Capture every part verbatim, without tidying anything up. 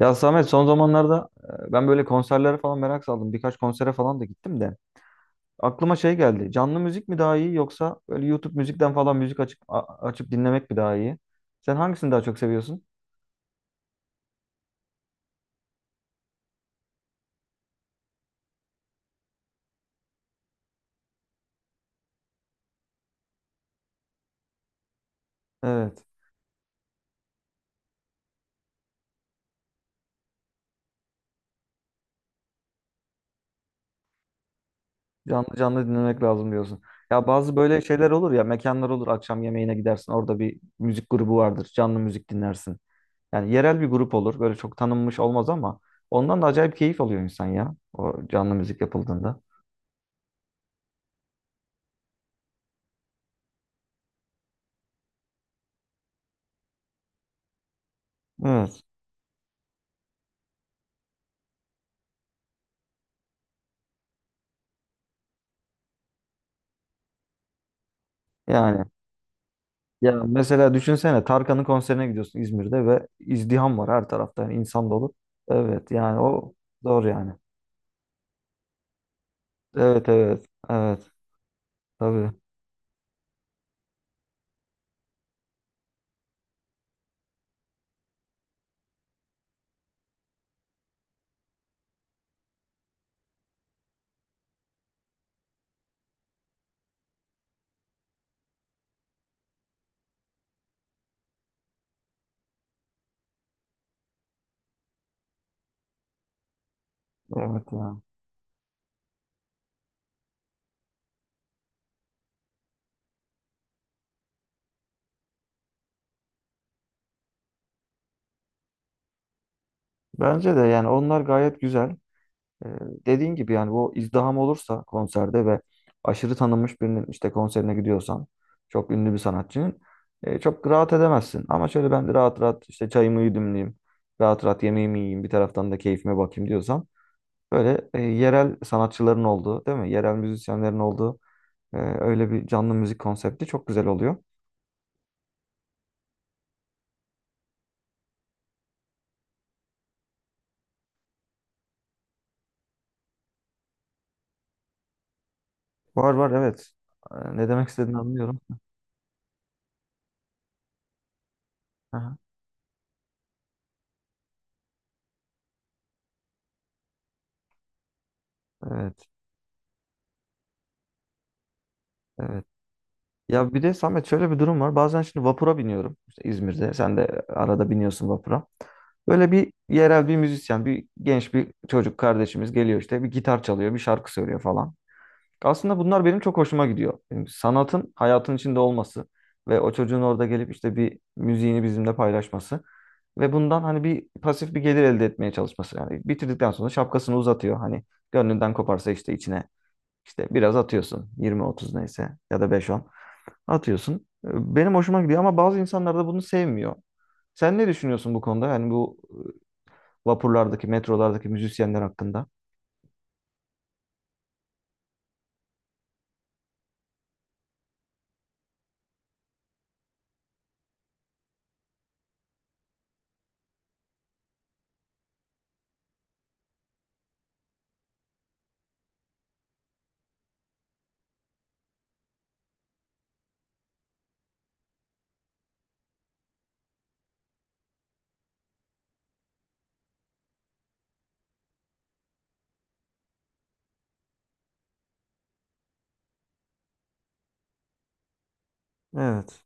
Ya Samet, son zamanlarda e, ben böyle konserlere falan merak saldım. Birkaç konsere falan da gittim de. Aklıma şey geldi. Canlı müzik mi daha iyi, yoksa böyle YouTube müzikten falan müzik açıp a- açıp dinlemek mi daha iyi? Sen hangisini daha çok seviyorsun? Evet. Canlı canlı dinlemek lazım diyorsun. Ya bazı böyle şeyler olur ya, mekanlar olur, akşam yemeğine gidersin, orada bir müzik grubu vardır, canlı müzik dinlersin. Yani yerel bir grup olur, böyle çok tanınmış olmaz, ama ondan da acayip keyif alıyor insan ya, o canlı müzik yapıldığında. Evet. Yani. Ya mesela düşünsene, Tarkan'ın konserine gidiyorsun İzmir'de ve izdiham var her tarafta, yani insan dolu. Evet, yani o zor yani. Evet, evet, evet, tabii. Evet yani. Bence de yani onlar gayet güzel. Ee, Dediğin gibi yani, bu izdiham olursa konserde ve aşırı tanınmış birinin işte konserine gidiyorsan, çok ünlü bir sanatçının e, çok rahat edemezsin. Ama şöyle ben de rahat rahat işte çayımı yudumlayayım. Rahat rahat yemeğimi yiyeyim, bir taraftan da keyfime bakayım diyorsan. Böyle e, yerel sanatçıların olduğu, değil mi? Yerel müzisyenlerin olduğu e, öyle bir canlı müzik konsepti çok güzel oluyor. Var var, evet. E, ne demek istediğini anlıyorum. Aha, evet, evet. Ya bir de Samet, şöyle bir durum var. Bazen şimdi vapura biniyorum. İşte İzmir'de. Sen de arada biniyorsun vapura. Böyle bir yerel bir müzisyen, bir genç bir çocuk kardeşimiz geliyor, işte bir gitar çalıyor, bir şarkı söylüyor falan. Aslında bunlar benim çok hoşuma gidiyor. Yani sanatın hayatın içinde olması ve o çocuğun orada gelip işte bir müziğini bizimle paylaşması ve bundan hani bir pasif bir gelir elde etmeye çalışması. Yani bitirdikten sonra şapkasını uzatıyor. Hani gönlünden koparsa işte içine, işte biraz atıyorsun. yirmi otuz neyse ya da beş on atıyorsun. Benim hoşuma gidiyor ama bazı insanlar da bunu sevmiyor. Sen ne düşünüyorsun bu konuda? Yani bu ıı, vapurlardaki, metrolardaki müzisyenler hakkında? Evet.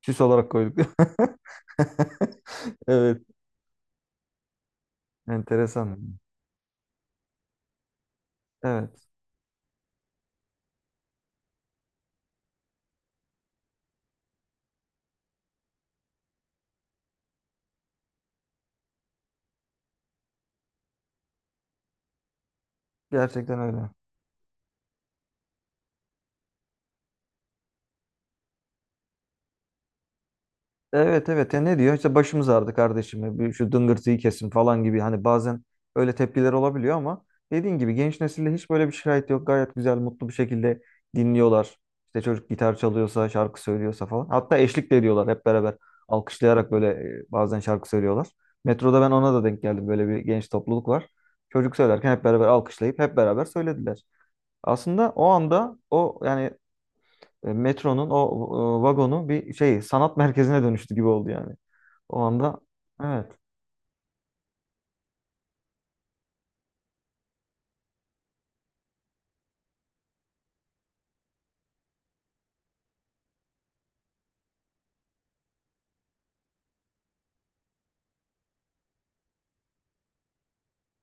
Süs olarak koyduk. Evet. Enteresan. Evet. Gerçekten öyle. Evet, evet. Ya ne diyor? İşte başımız ağrıdı kardeşim. Bir şu dıngırtıyı kesin falan gibi. Hani bazen öyle tepkiler olabiliyor ama dediğin gibi genç nesilde hiç böyle bir şikayet yok. Gayet güzel, mutlu bir şekilde dinliyorlar. İşte çocuk gitar çalıyorsa, şarkı söylüyorsa falan. Hatta eşlik de ediyorlar hep beraber. Alkışlayarak böyle e, bazen şarkı söylüyorlar. Metroda ben ona da denk geldim. Böyle bir genç topluluk var. Çocuk söylerken hep beraber alkışlayıp hep beraber söylediler. Aslında o anda o, yani e, metronun o e, vagonu bir şey, sanat merkezine dönüştü gibi oldu yani. O anda, evet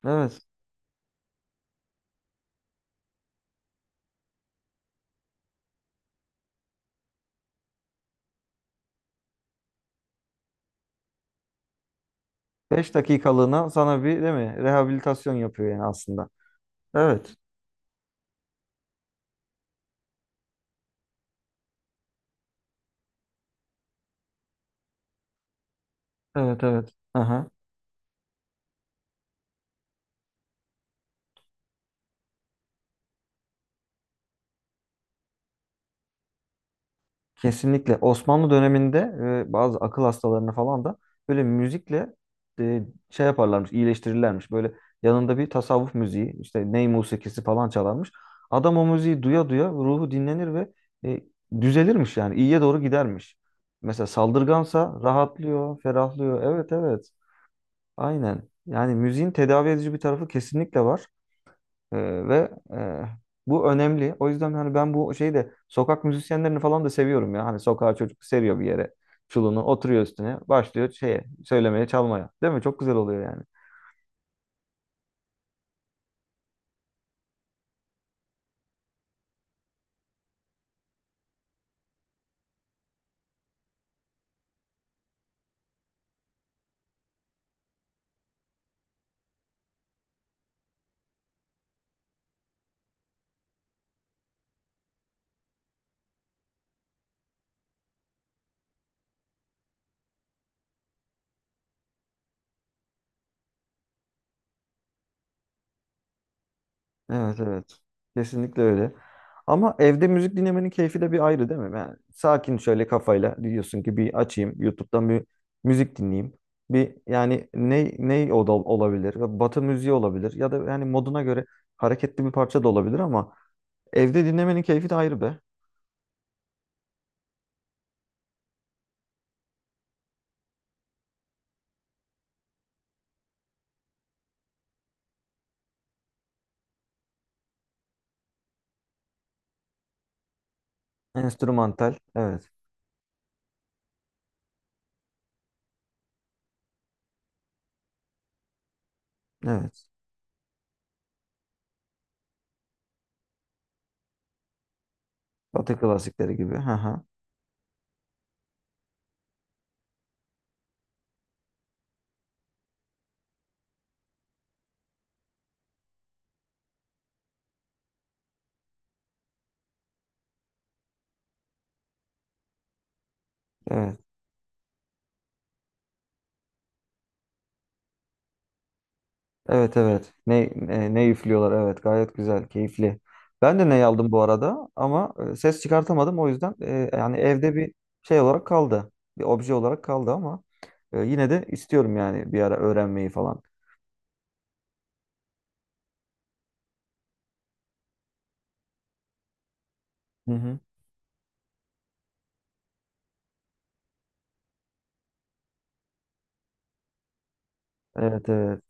evet, beş dakikalığına sana bir, değil mi, rehabilitasyon yapıyor yani aslında. Evet, evet, evet. Aha. Kesinlikle Osmanlı döneminde e, bazı akıl hastalarını falan da böyle müzikle e, şey yaparlarmış, iyileştirirlermiş. Böyle yanında bir tasavvuf müziği, işte ney musikisi falan çalarmış. Adam o müziği duya duya ruhu dinlenir ve e, düzelirmiş yani, iyiye doğru gidermiş. Mesela saldırgansa rahatlıyor, ferahlıyor. Evet, evet. Aynen. Yani müziğin tedavi edici bir tarafı kesinlikle var. Ee, ve e, bu önemli. O yüzden hani ben bu şeyi de, sokak müzisyenlerini falan da seviyorum ya. Hani sokağa çocuk seriyor bir yere çulunu, oturuyor üstüne, başlıyor şeye, söylemeye, çalmaya. Değil mi? Çok güzel oluyor yani. Evet, evet. Kesinlikle öyle. Ama evde müzik dinlemenin keyfi de bir ayrı, değil mi? Yani sakin şöyle kafayla diyorsun ki, bir açayım YouTube'dan bir müzik dinleyeyim. Bir yani ne ne o da olabilir? Batı müziği olabilir ya da yani moduna göre hareketli bir parça da olabilir, ama evde dinlemenin keyfi de ayrı be. Enstrümantal. Evet. Evet. Batı klasikleri gibi. Hı hı. Evet. Evet, evet. Ne e, ne üflüyorlar. Evet. Gayet güzel, keyifli. Ben de ney aldım bu arada ama e, ses çıkartamadım. O yüzden e, yani evde bir şey olarak kaldı. Bir obje olarak kaldı, ama e, yine de istiyorum yani bir ara öğrenmeyi falan. Hı hı. Evet, evet.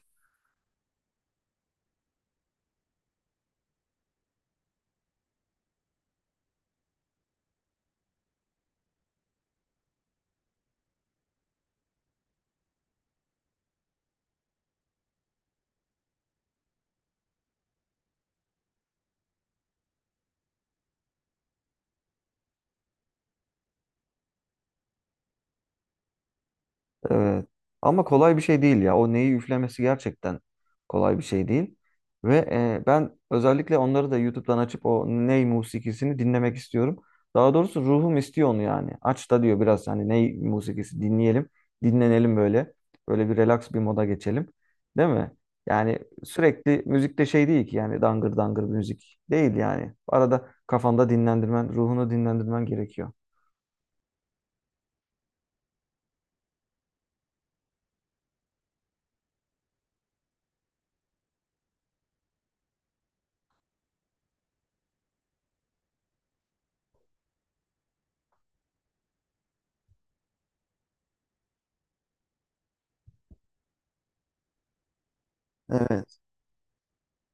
Evet. Ama kolay bir şey değil ya. O neyi üflemesi gerçekten kolay bir şey değil. Ve e, ben özellikle onları da YouTube'dan açıp o ney musikisini dinlemek istiyorum. Daha doğrusu ruhum istiyor onu yani. Aç da diyor biraz, hani ney musikisi dinleyelim, dinlenelim böyle. Böyle bir relax bir moda geçelim. Değil mi? Yani sürekli müzikte şey değil ki yani, dangır dangır bir müzik değil yani. Arada kafanda dinlendirmen, ruhunu dinlendirmen gerekiyor. Evet.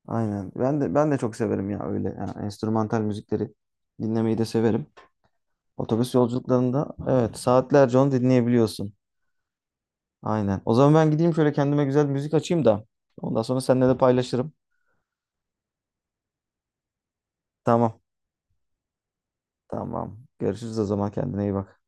Aynen. Ben de ben de çok severim ya öyle. Yani enstrümantal müzikleri dinlemeyi de severim. Otobüs yolculuklarında evet, saatlerce onu dinleyebiliyorsun. Aynen. O zaman ben gideyim, şöyle kendime güzel bir müzik açayım da. Ondan sonra seninle de paylaşırım. Tamam. Tamam. Görüşürüz o zaman. Kendine iyi bak.